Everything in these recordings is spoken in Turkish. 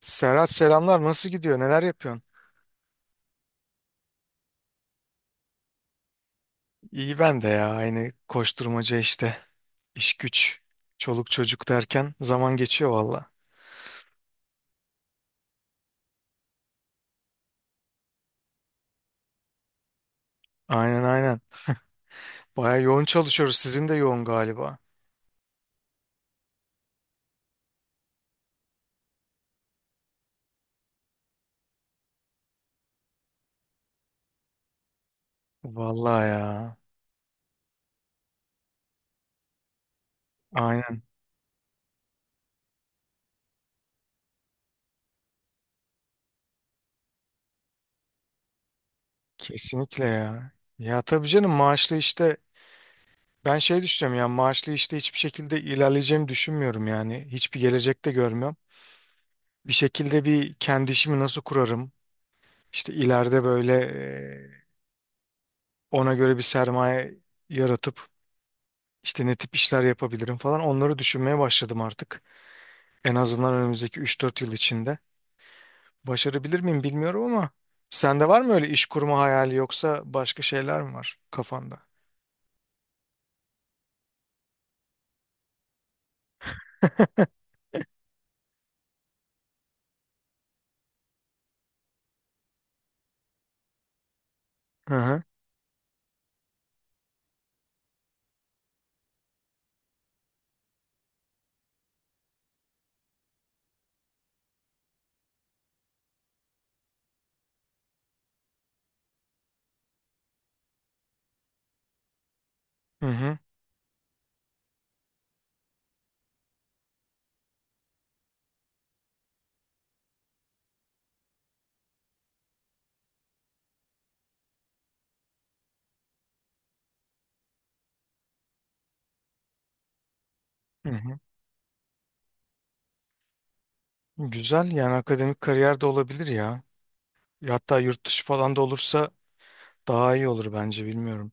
Serhat selamlar. Nasıl gidiyor? Neler yapıyorsun? İyi ben de ya. Aynı koşturmaca işte. İş güç, çoluk çocuk derken zaman geçiyor valla. Aynen aynen. Baya yoğun çalışıyoruz. Sizin de yoğun galiba. Valla ya. Aynen. Kesinlikle ya. Ya tabii canım maaşlı işte ben düşünüyorum ya maaşlı işte hiçbir şekilde ilerleyeceğimi düşünmüyorum yani. Hiçbir gelecek de görmüyorum. Bir şekilde bir kendi işimi nasıl kurarım? İşte ileride ona göre bir sermaye yaratıp İşte ne tip işler yapabilirim falan onları düşünmeye başladım artık. En azından önümüzdeki üç dört yıl içinde. Başarabilir miyim bilmiyorum ama sende var mı öyle iş kurma hayali yoksa başka şeyler mi var kafanda? Hı hı. Hı hı. Hı hı. Güzel yani akademik kariyer de olabilir ya. Ya hatta yurt dışı falan da olursa daha iyi olur bence bilmiyorum.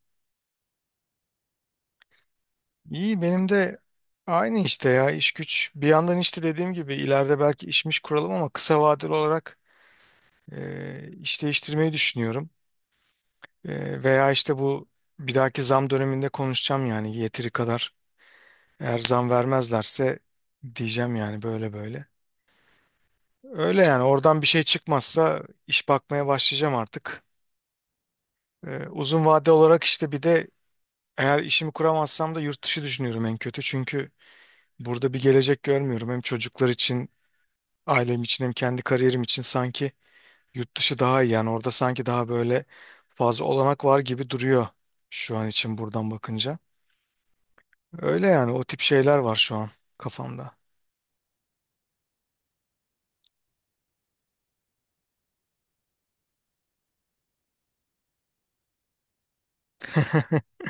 İyi benim de aynı işte ya iş güç. Bir yandan işte dediğim gibi ileride belki işmiş kuralım ama kısa vadeli olarak iş değiştirmeyi düşünüyorum. Veya işte bu bir dahaki zam döneminde konuşacağım yani yeteri kadar. Eğer zam vermezlerse diyeceğim yani böyle böyle. Öyle yani oradan bir şey çıkmazsa iş bakmaya başlayacağım artık. Uzun vade olarak işte bir de eğer işimi kuramazsam da yurt dışı düşünüyorum en kötü. Çünkü burada bir gelecek görmüyorum. Hem çocuklar için, ailem için hem kendi kariyerim için sanki yurt dışı daha iyi. Yani orada sanki daha böyle fazla olanak var gibi duruyor şu an için buradan bakınca. Öyle yani o tip şeyler var şu an kafamda.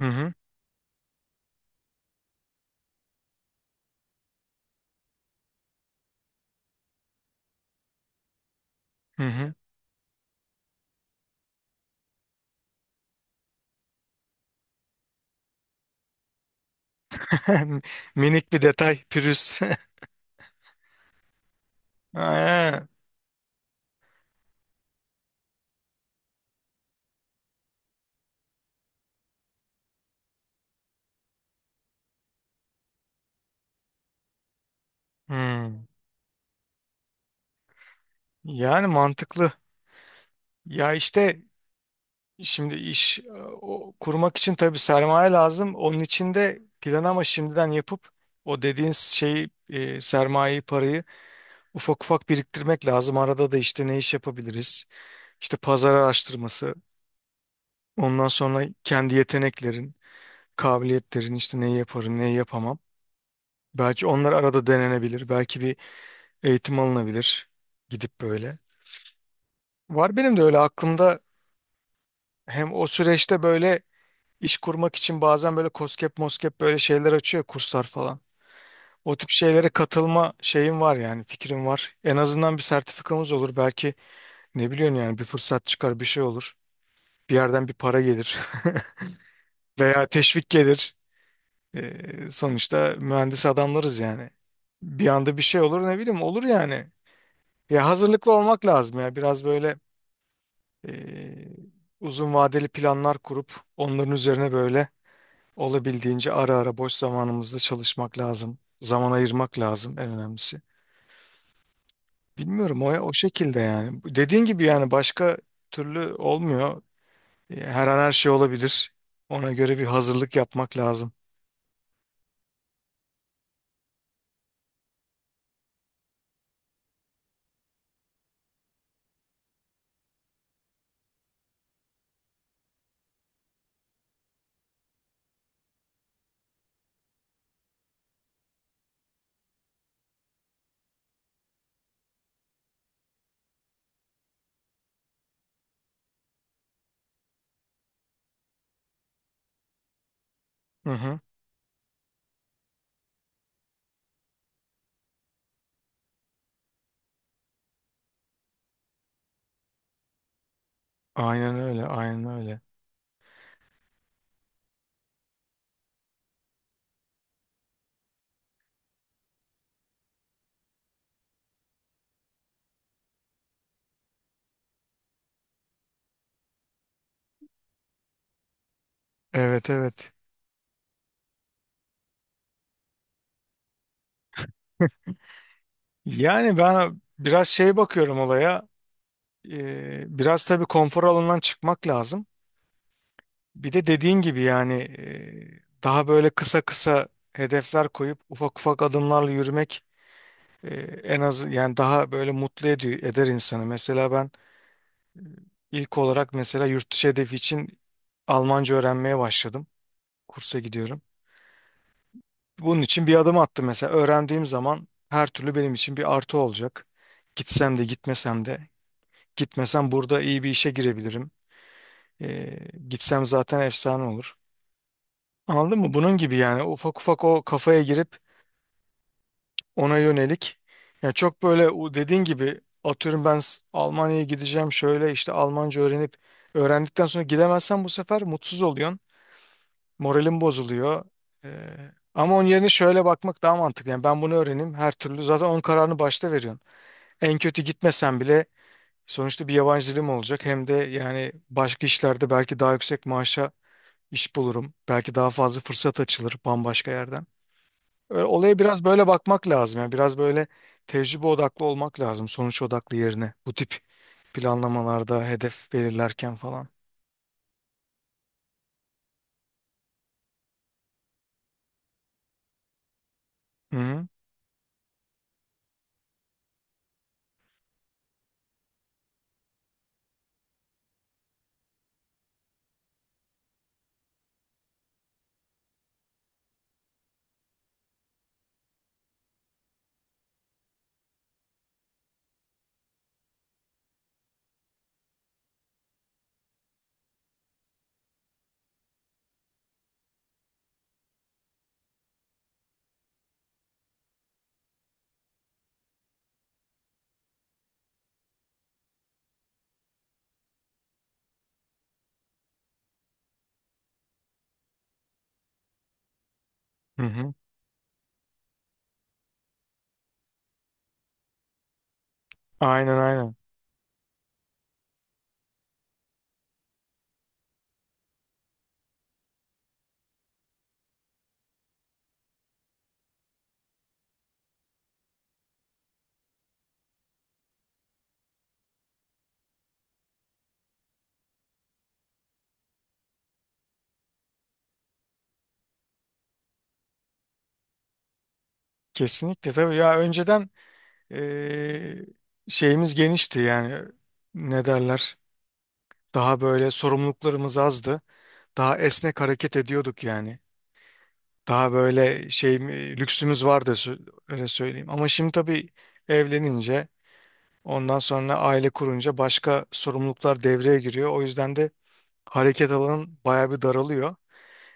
Hı hı. Hı hı. Minik bir detay pürüz. Aynen. Hmm. Yani mantıklı. Ya işte şimdi kurmak için tabii sermaye lazım. Onun için de plan ama şimdiden yapıp o dediğin sermayeyi parayı ufak ufak biriktirmek lazım. Arada da işte ne iş yapabiliriz? İşte pazar araştırması. Ondan sonra kendi yeteneklerin, kabiliyetlerin işte neyi yaparım, neyi yapamam. Belki onlar arada denenebilir. Belki bir eğitim alınabilir. Gidip böyle. Var benim de öyle aklımda hem o süreçte böyle iş kurmak için bazen böyle koskep moskep böyle şeyler açıyor kurslar falan. O tip şeylere katılma şeyim var yani fikrim var. En azından bir sertifikamız olur. Belki ne biliyorsun yani bir fırsat çıkar bir şey olur. Bir yerden bir para gelir veya teşvik gelir. Sonuçta mühendis adamlarız yani. Bir anda bir şey olur ne bileyim olur yani. Ya hazırlıklı olmak lazım ya. Biraz böyle eee, uzun vadeli planlar kurup onların üzerine böyle olabildiğince ara ara boş zamanımızda çalışmak lazım. Zaman ayırmak lazım en önemlisi. Bilmiyorum o şekilde yani. Dediğin gibi yani başka türlü olmuyor. Her an her şey olabilir. Ona göre bir hazırlık yapmak lazım. Hı hı. Aynen öyle, aynen öyle. Evet, evet. Yani ben biraz şey bakıyorum olaya. Biraz tabii konfor alanından çıkmak lazım. Bir de dediğin gibi yani daha böyle kısa kısa hedefler koyup ufak ufak adımlarla yürümek e, en az yani daha böyle mutlu ediyor, eder insanı. Mesela ben ilk olarak mesela yurt dışı hedefi için Almanca öğrenmeye başladım. Kursa gidiyorum. Bunun için bir adım attım mesela. Öğrendiğim zaman her türlü benim için bir artı olacak. Gitsem de gitmesem de. Gitmesem burada iyi bir işe girebilirim. E, Gitsem zaten efsane olur. Anladın mı? Bunun gibi yani ufak ufak o kafaya girip ona yönelik. Yani çok böyle o dediğin gibi atıyorum ben Almanya'ya gideceğim şöyle işte Almanca öğrenip öğrendikten sonra gidemezsen bu sefer mutsuz oluyorsun. Moralin bozuluyor. Ee, Ama onun yerine şöyle bakmak daha mantıklı. Yani ben bunu öğreneyim her türlü zaten onun kararını başta veriyorsun. En kötü gitmesen bile sonuçta bir yabancı dilim olacak. Hem de yani başka işlerde belki daha yüksek maaşa iş bulurum. Belki daha fazla fırsat açılır bambaşka yerden. Öyle, olaya biraz böyle bakmak lazım. Yani biraz böyle tecrübe odaklı olmak lazım. Sonuç odaklı yerine. Bu tip planlamalarda hedef belirlerken falan. Hı hı. Hı hı. Aynen aynen. Kesinlikle tabii ya önceden eee, şeyimiz genişti yani ne derler daha böyle sorumluluklarımız azdı. Daha esnek hareket ediyorduk yani. Daha böyle şey lüksümüz vardı öyle söyleyeyim. Ama şimdi tabii evlenince ondan sonra aile kurunca başka sorumluluklar devreye giriyor. O yüzden de hareket alanın bayağı bir daralıyor.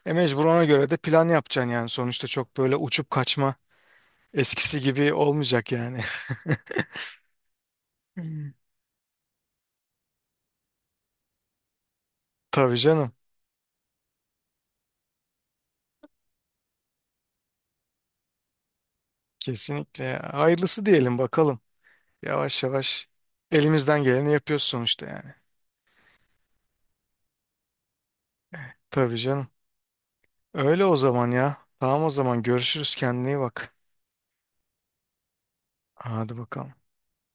E mecbur ona göre de plan yapacaksın yani. Sonuçta çok böyle uçup kaçma eskisi gibi olmayacak yani. Hmm. Tabii canım. Kesinlikle. Hayırlısı diyelim bakalım. Yavaş yavaş elimizden geleni yapıyoruz sonuçta yani. Tabii canım. Öyle o zaman ya. Tamam o zaman görüşürüz, kendine iyi bak. Hadi bakalım.